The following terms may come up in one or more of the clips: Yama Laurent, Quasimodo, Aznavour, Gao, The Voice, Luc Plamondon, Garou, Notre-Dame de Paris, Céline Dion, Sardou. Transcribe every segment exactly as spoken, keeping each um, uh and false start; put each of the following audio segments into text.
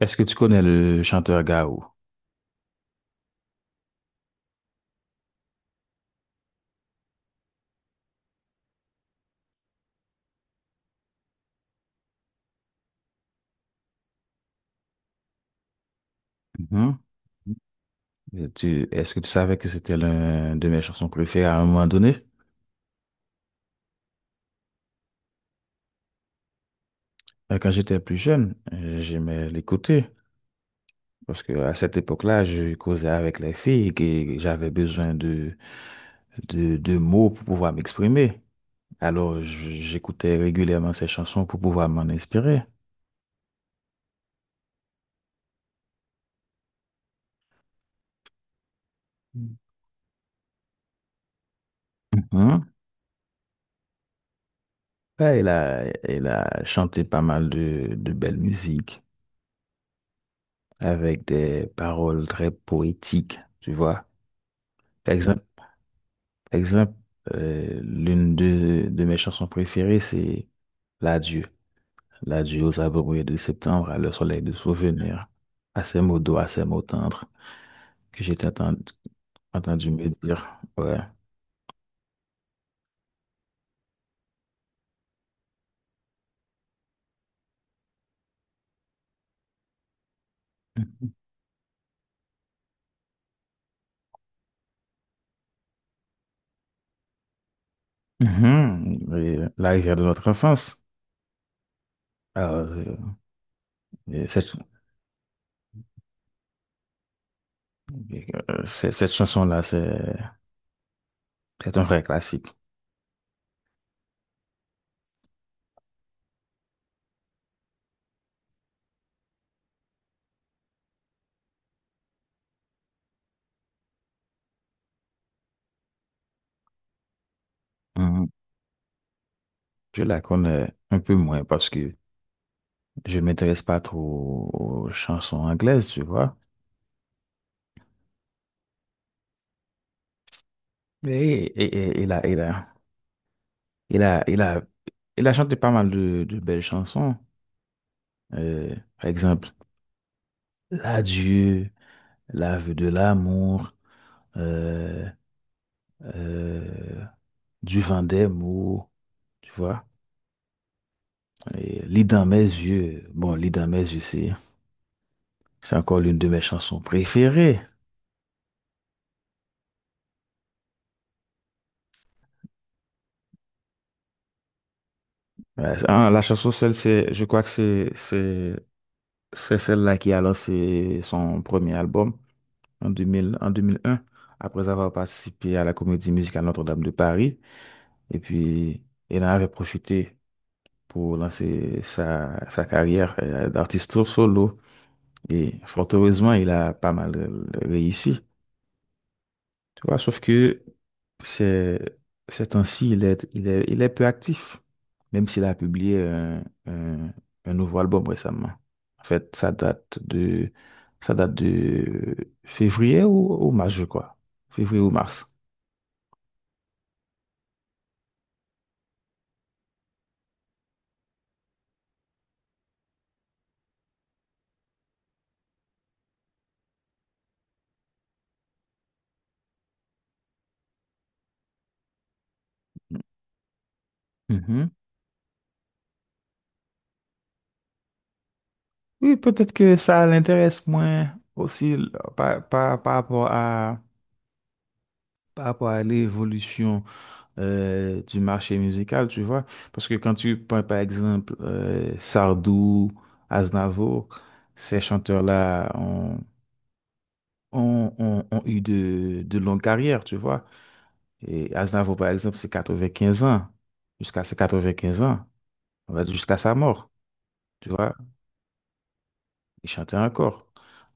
Est-ce que tu connais le chanteur Gao? Mhm. Et tu- Est-ce que tu savais que c'était l'un de mes chansons préférées à un moment donné? Euh, Quand j'étais plus jeune, euh, j'aimais l'écouter parce que à cette époque-là, je causais avec les filles et j'avais besoin de, de, de mots pour pouvoir m'exprimer. Alors, j- j'écoutais régulièrement ces chansons pour pouvoir m'en inspirer. Mhm. Ouais, il a, il a chanté pas mal de, de belles musiques, avec des paroles très poétiques, tu vois. Par exemple, par exemple euh, l'une de, de mes chansons préférées, c'est L'adieu. L'adieu aux abrouilles de septembre, à le soleil de souvenir, à ces mots doux, à ces mots tendres que j'ai entendu, entendu me dire. Ouais. Mhm. Et la rivière de notre enfance. Alors, euh, et cette, euh, cette, cette chanson-là, c'est c'est un vrai classique. Mhm. Je la connais un peu moins parce que je ne m'intéresse pas trop aux chansons anglaises, tu vois. Mais et, et- il a, il a, il a, il a, il a chanté pas mal de, de belles chansons. Euh, par exemple, L'adieu, L'aveu de l'amour, euh, euh, Du vent des mots, tu vois. Et Lit dans mes yeux. Bon, Lit dans mes yeux, c'est, c'est encore l'une de mes chansons préférées. Ouais, c'est- ah, la chanson Seule, c'est, je crois que c'est, c'est C'est celle-là qui a lancé son premier album en deux mille, en deux mille un, après avoir participé à la comédie musicale Notre-Dame de Paris. Et puis, elle en avait profité pour lancer sa, sa carrière euh, d'artiste solo. Et fort heureusement, il a pas mal euh, réussi. Tu vois, sauf que c'est, ces temps-ci, il est, il est, il est peu actif, même s'il a publié un, un, un nouveau album récemment. En fait, ça date de, ça date de février ou, ou mars, je crois. Février ou mars. Mhm. Oui, peut-être que ça l'intéresse moins aussi là, par, par, par rapport à, par rapport à l'évolution euh, du marché musical, tu vois. Parce que quand tu prends par exemple euh, Sardou, Aznavour, ces chanteurs-là ont, ont, ont- ont eu de, de longues carrières, tu vois. Et Aznavour, par exemple, c'est quatre-vingt-quinze ans, jusqu'à ses quatre-vingt-quinze ans, on va dire jusqu'à sa mort, tu vois. Il chantait encore.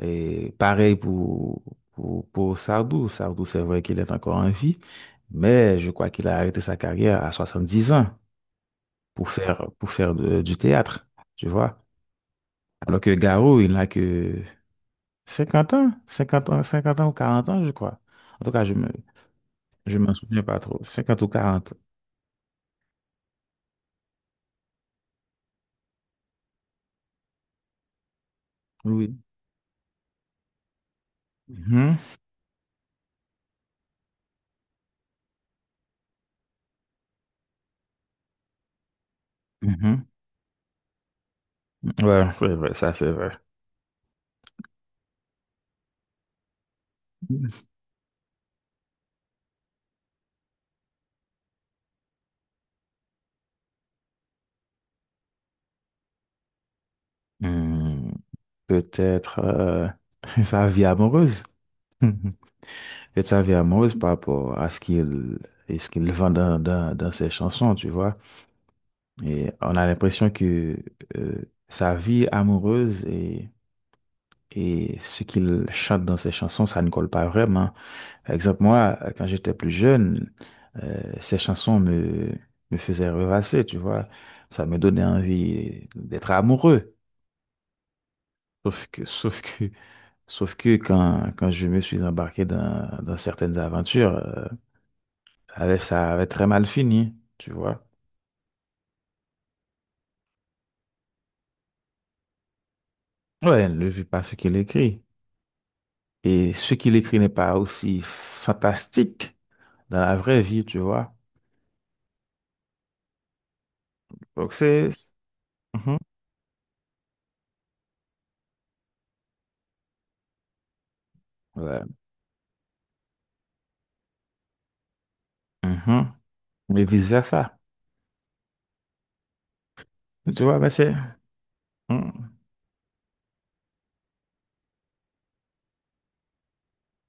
Et pareil pour, pour, pour Sardou. Sardou, c'est vrai qu'il est encore en vie, mais je crois qu'il a arrêté sa carrière à soixante-dix ans pour faire, pour faire de- du théâtre, tu vois. Alors que Garou, il n'a que cinquante ans, cinquante ans, cinquante ans ou quarante ans, je crois. En tout cas, je me, je m'en souviens pas trop. Cinquante ou quarante. Oui. Mhm, mhm. Ouais, c'est vrai, ça c'est vrai. Hmm, peut-être euh, sa vie amoureuse. Je savais amoureuse par rapport à ce qu'il et ce qu'il vend dans, dans, dans ses chansons, tu vois. Et on a l'impression que euh, sa vie amoureuse et, et ce qu'il chante dans ses chansons, ça ne colle pas vraiment. Par exemple, moi, quand j'étais plus jeune, euh, ces chansons me, me faisaient rêvasser, tu vois. Ça me donnait envie d'être amoureux. Sauf que, sauf que, sauf que quand, quand je me suis embarqué dans, dans certaines aventures, euh, Ça avait ça avait très mal fini, tu vois. Ouais, elle ne vit pas ce qu'il écrit. Et ce qu'il écrit n'est pas aussi fantastique dans la vraie vie, tu vois. Donc c'est. Mhm. Ouais. Mhm. Mais vice-versa. Tu vois, mais c'est. Mhm.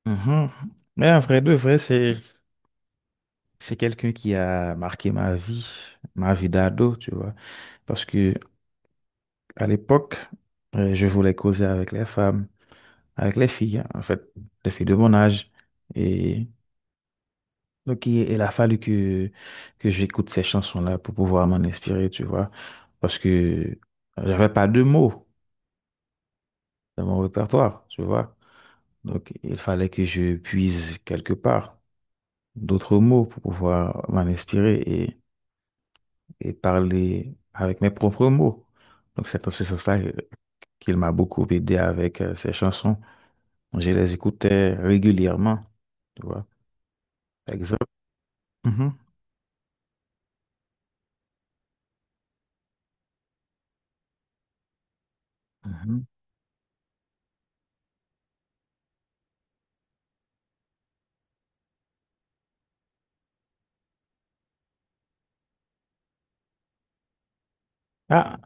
Mhm. Mais en vrai de vrai, c'est c'est quelqu'un qui a marqué ma vie, ma vie d'ado, tu vois. Parce que à l'époque, euh, je voulais causer avec les femmes, avec les filles, hein, en fait, les filles de mon âge. Et Donc, il, il a fallu que, que j'écoute ces chansons-là pour pouvoir m'en inspirer, tu vois. Parce que j'avais pas de mots dans mon répertoire, tu vois. Donc, il fallait que je puise quelque part d'autres mots pour pouvoir m'en inspirer et, et parler avec mes propres mots. Donc, c'est en ce sens-là qu'il m'a beaucoup aidé avec euh, ces chansons. Je les écoutais régulièrement, tu vois. Par exemple. Mhm, mhm. Ah,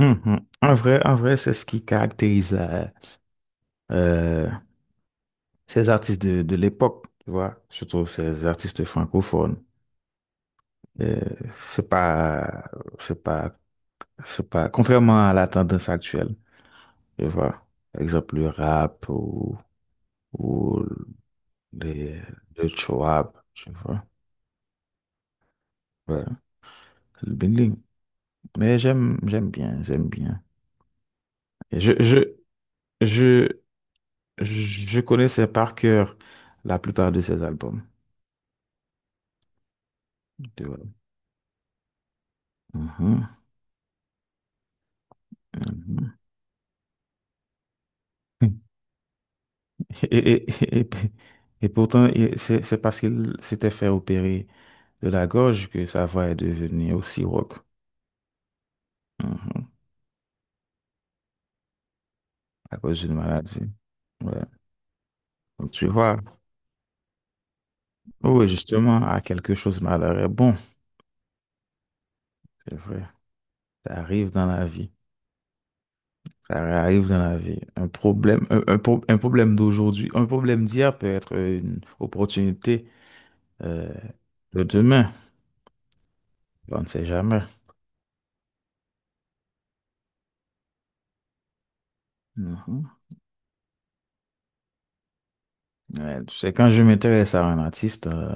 Mhm. En vrai, en vrai, c'est ce qui caractérise la- euh, ces artistes de, de l'époque, tu vois, surtout ces artistes francophones. Euh, c'est pas, c'est pas, c'est pas, contrairement à la tendance actuelle, tu vois, par exemple le rap ou, ou les, le chouab, tu vois, ouais, le bling. Mais j'aime, j'aime bien, j'aime bien. Et je, je, je, je connaissais par cœur la plupart de ces albums, tu vois. Mhm. Mhm. Et, et, et, et pourtant, il- c'est c'est parce qu'il s'était fait opérer de la gorge que sa voix est devenue aussi rauque. Mhm. À cause d'une maladie. Ouais. Donc, tu vois, oh oui, justement, à quelque chose, malheur est bon. C'est vrai. Ça arrive dans la vie. Ça arrive dans la vie. Un problème, un, un pro- un problème d'aujourd'hui, un problème d'hier peut être une opportunité euh, de demain. On ne sait jamais. Mhm. Ouais, tu sais, quand je m'intéresse à un artiste, euh,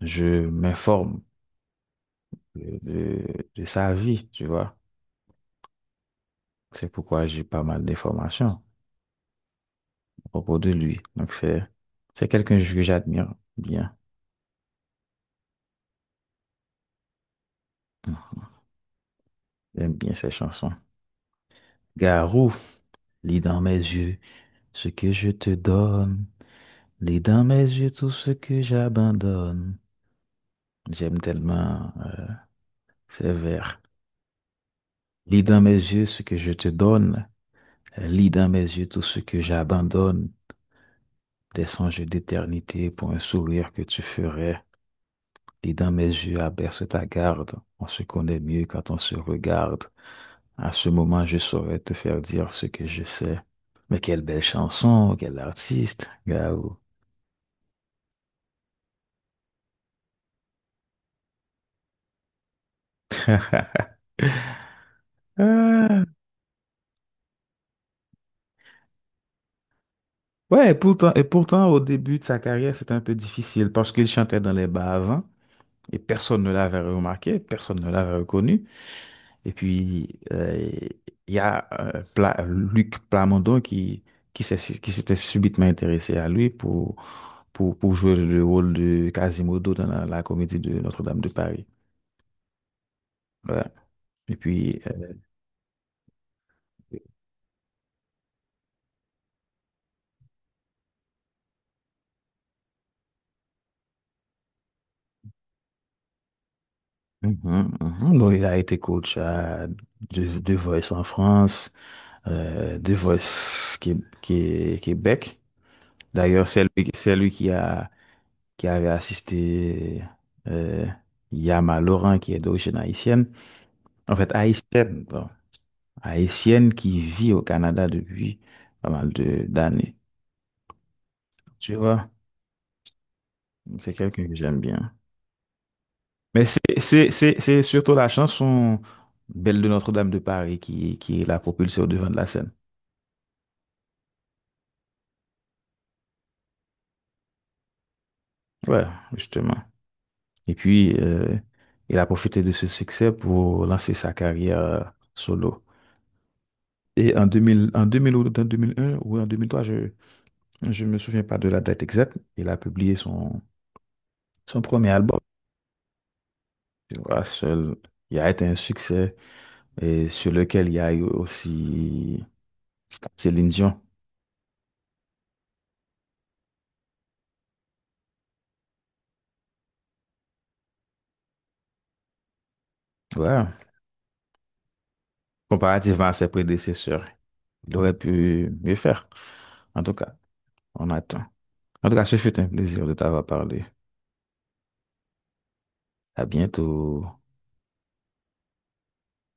je m'informe de, de- de sa vie, tu vois. C'est pourquoi j'ai pas mal d'informations à propos de lui. Donc, c'est, c'est quelqu'un que j'admire bien. J'aime bien ses chansons. Garou, lis dans mes yeux ce que je te donne. Lis dans mes yeux tout ce que j'abandonne. J'aime tellement euh, ces vers. Lis dans mes yeux ce que je te donne. Lis dans mes yeux tout ce que j'abandonne. des songes d'éternité pour un sourire que tu ferais, et dans mes yeux abaisse ta garde, on se connaît mieux quand on se regarde. À ce moment, je saurais te faire dire ce que je sais. Mais quelle belle chanson, quel artiste, Gao. Euh, ouais, et pourtant, et pourtant, au début de sa carrière, c'était un peu difficile parce qu'il chantait dans les bars avant et personne ne l'avait remarqué, personne ne l'avait reconnu. Et puis, euh, il y a euh, Pla- Luc Plamondon qui, qui s'est, qui s'était subitement intéressé à lui pour, pour, pour jouer le rôle de Quasimodo dans la, la comédie de Notre-Dame de Paris. Voilà. Et puis, euh, mhm, mhm. Donc, il a été coach à The, The Voice en France, euh, The Voice Qué- Qué- Québec. D'ailleurs, c'est lui, c'est lui qui a, qui avait assisté euh, Yama Laurent, qui est d'origine haïtienne. En fait, haïtienne, bon, haïtienne qui vit au Canada depuis pas mal de d'années. Tu vois, c'est quelqu'un que j'aime bien. Mais c'est c'est- c'est- c'est surtout la chanson Belle de Notre-Dame de Paris qui, qui l'a propulsée au devant de la scène. Ouais, justement. Et puis, euh, il a profité de ce succès pour lancer sa carrière euh, solo. Et en deux mille, en deux mille ou en deux mille un ou en deux mille trois, je ne me souviens pas de la date exacte, il a publié son, son premier album. Voilà, seul, il a été un succès et sur lequel il y a eu aussi Céline Dion. Ouais. Comparativement à ses prédécesseurs, il aurait pu mieux faire. En tout cas, on attend. En tout cas, ce fut un plaisir de t'avoir parlé. À bientôt.